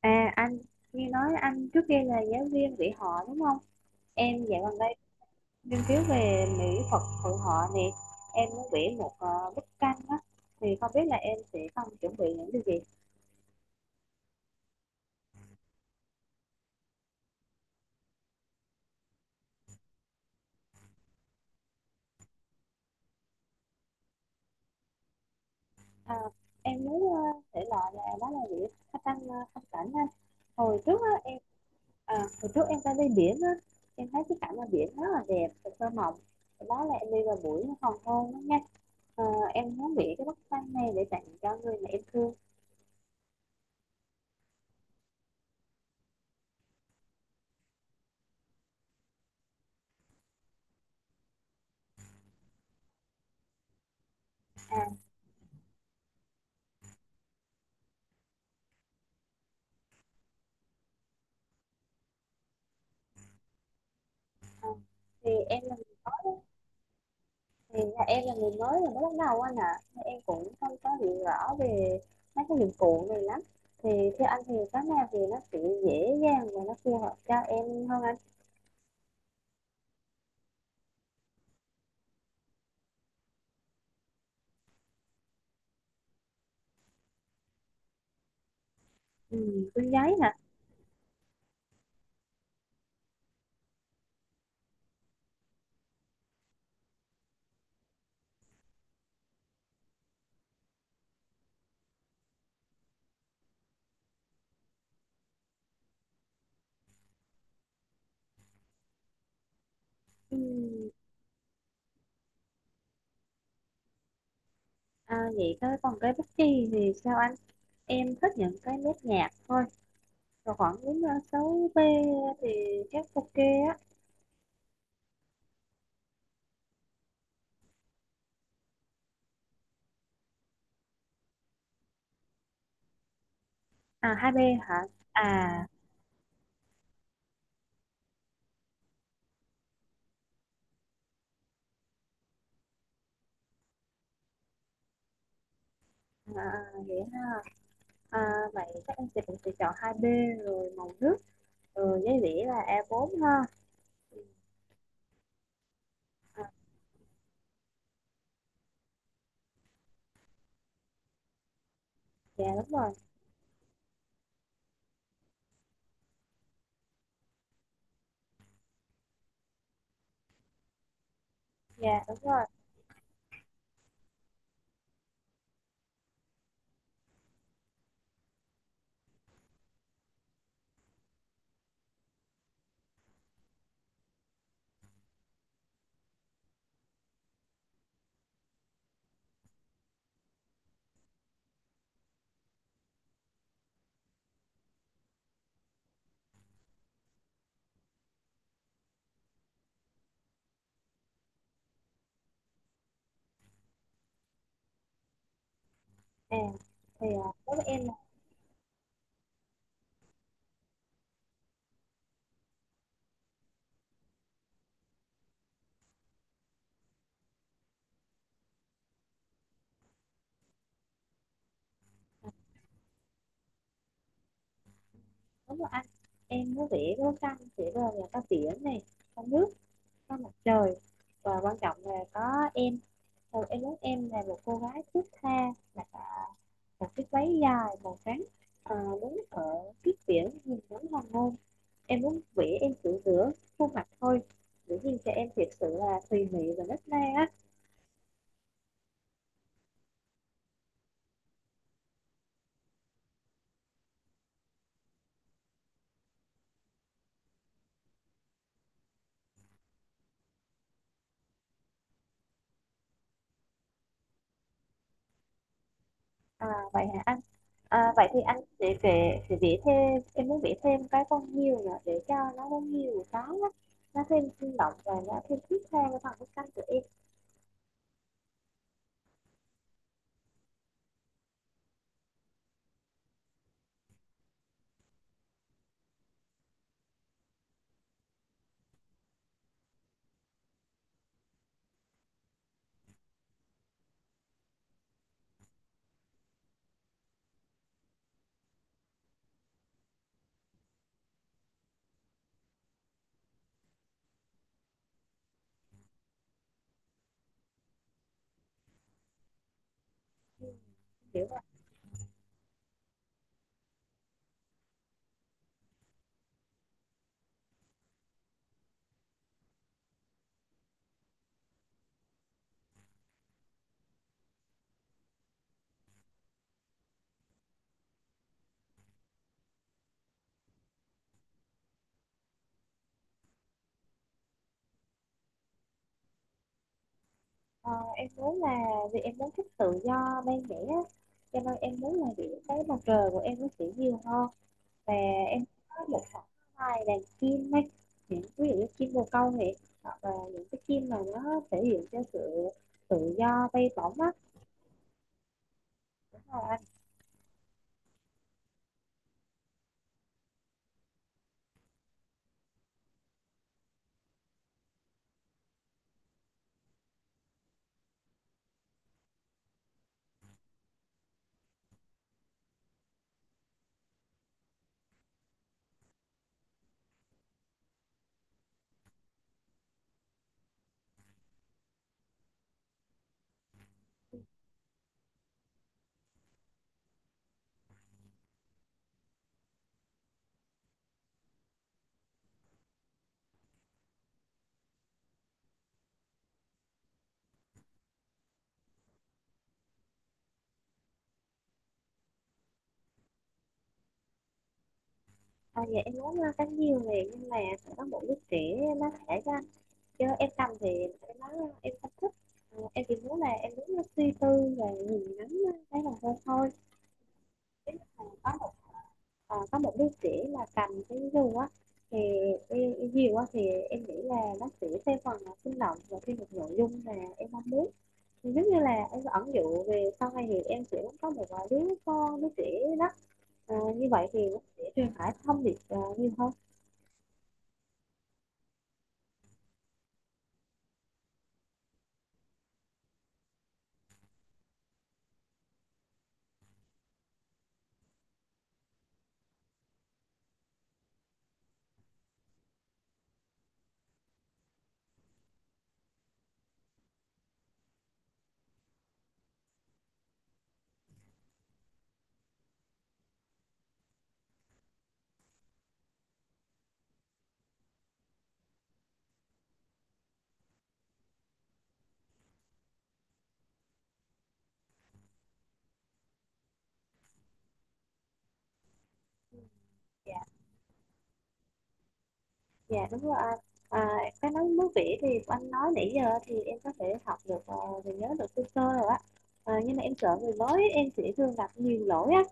À anh nghe nói anh trước kia là giáo viên dạy họ đúng không? Em dạo gần đây nghiên cứu về mỹ thuật hội họ nè. Em muốn vẽ một bức tranh á thì không biết là em sẽ cần chuẩn bị những điều gì? À, em muốn thể loại là đó là vẽ phát tranh phong cảnh á. Hồi trước á em hồi trước em ra đi biển á, em thấy cái cảnh ở biển rất là đẹp và thơ mộng. Đó là em đi vào buổi hoàng hôn đó nha. Ờ, em muốn vẽ cái bức tranh này để tặng cho người mà em thương. À, Ờ, thì em là người mới, thì là em là người mới, là mới bắt đầu anh ạ. Thì em cũng không có hiểu rõ về mấy cái dụng cụ này lắm, thì theo anh thì cái nào thì nó sẽ dễ dàng và nó phù hợp cho em hơn anh? Ừ, túi giấy hả? Ừ, vậy thôi còn cái bút chì thì sao anh? Em thích những cái nét nhạt thôi, rồi khoảng đến 6B thì chắc ok á. 2B hả? à, vậy ha. à, Vậy chắc em sẽ cũng sẽ chọn 2B, rồi màu nước. Ừ, giấy đĩa là A4 ha. À, dạ đúng rồi. Dạ đúng rồi. À, thì đối với em là đúng rồi anh. Em có vẽ có căng thì bây là có biển này, có nước, có mặt trời, và quan trọng là có em. Rồi em muốn em là một cô gái thướt tha, mặc một chiếc váy dài màu trắng, à, đứng ở trước biển nhìn ngắm hoàng hôn. Em muốn vẽ em tự rửa khuôn mặt thôi. Dĩ nhiên cho em thiệt sự là tùy mị và nết na á. À vậy hả anh? À, vậy thì anh sẽ vẽ thêm em muốn vẽ thêm cái con hươu nữa để cho nó có nhiều cái á, nó thêm sinh động và nó thêm thiết tha với phần bức tranh của em. Kiểu là ờ, em muốn là vì em muốn thích tự do bên vẽ á, cho nên em muốn là vẽ cái mặt trời của em nó sẽ nhiều hơn, và em có một khoảng hai đàn chim ấy, những ví dụ như chim bồ câu này, hoặc là những cái chim mà nó thể hiện cho sự tự do bay bổng á. Dạ em muốn cánh diều này, nhưng mà phải có một đứa trẻ nó thể ra, chứ em cầm thì em nói em không thích. Em chỉ muốn là em muốn nó suy tư và nhìn ngắm cái là thôi thôi. Nếu mà có một đứa trẻ mà cầm cái dù á thì cái diều á, thì em nghĩ là nó sẽ theo phần là sinh động và thêm một nội dung mà em mong muốn. Thì giống như là em ẩn dụ về sau này thì em sẽ muốn có một đứa con, đứa trẻ đó. Như vậy thì nó sẽ truyền tải thông điệp nhiều hơn. Dạ. Dạ đúng rồi anh. À, cái nói nước vỉ thì anh nói nãy giờ thì em có thể học được và nhớ được sơ sơ rồi á. Nhưng mà em sợ người mới em sẽ thường gặp nhiều lỗi á.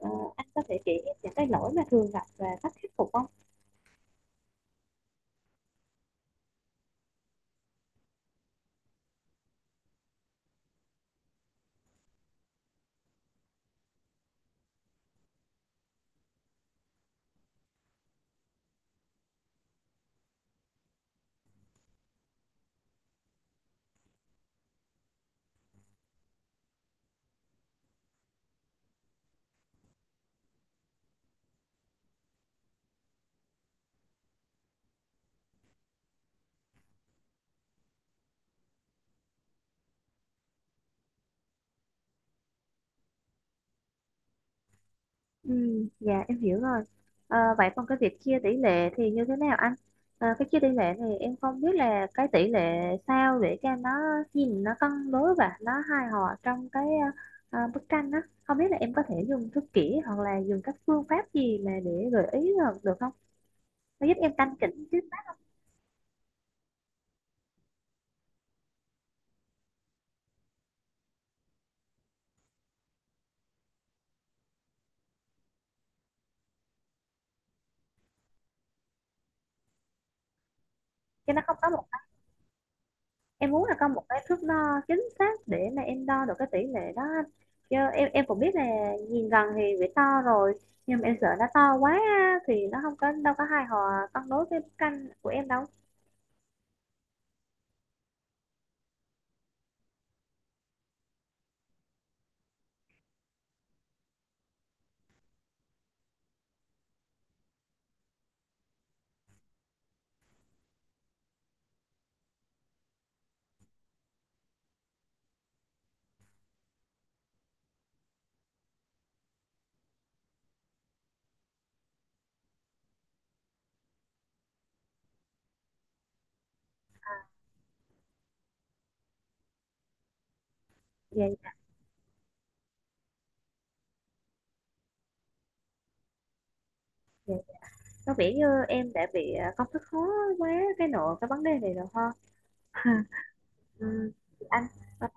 Ờ, anh có thể chỉ em những cái lỗi mà thường gặp và cách khắc phục không? Ừ, dạ em hiểu rồi. Vậy còn cái việc chia tỷ lệ thì như thế nào anh? Cái chia tỷ lệ này em không biết là cái tỷ lệ sao để cho nó nhìn nó cân đối và nó hài hòa trong cái bức tranh á. Không biết là em có thể dùng thước kỷ, hoặc là dùng các phương pháp gì mà để gợi ý được, được không? Nó giúp em căn chỉnh chứ? Nó không có một. Em muốn là có một cái thước đo chính xác để mà em đo được cái tỷ lệ đó anh. Chứ em cũng biết là nhìn gần thì bị to rồi, nhưng mà em sợ nó to quá á, thì nó không có đâu có hài hòa cân đối với canh của em đâu. Vậy vậy có vẻ như em đã bị công thức khó quá cái nội cái vấn đề này rồi ha. ừ, anh ờ,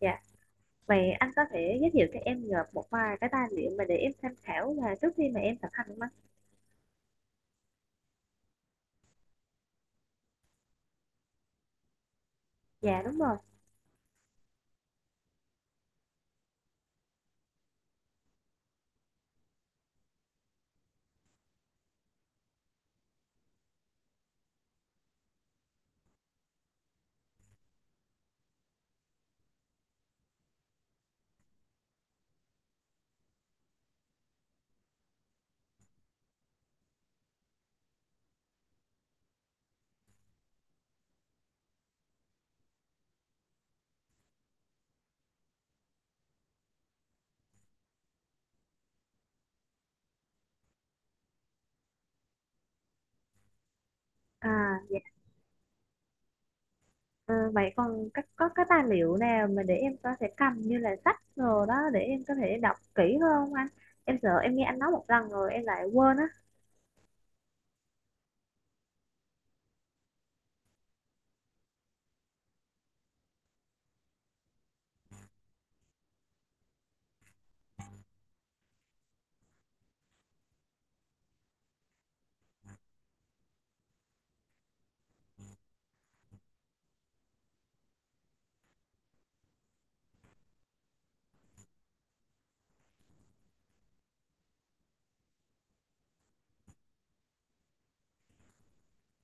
dạ vậy anh có thể giới thiệu cho em được một vài cái tài liệu mà để em tham khảo là trước khi mà em thực hành không anh? Dạ đúng rồi. Dạ. Ờ, Vậy còn có cái tài liệu nào mà để em có thể cầm như là sách rồi đó, để em có thể đọc kỹ hơn không anh? Em sợ em nghe anh nói một lần rồi em lại quên á.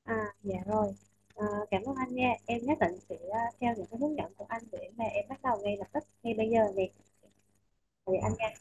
À dạ rồi. Ờ, Cảm ơn anh nha. Em nhất định sẽ theo những cái hướng dẫn của anh để mà em bắt đầu ngay lập tức ngay bây giờ nè. Thì anh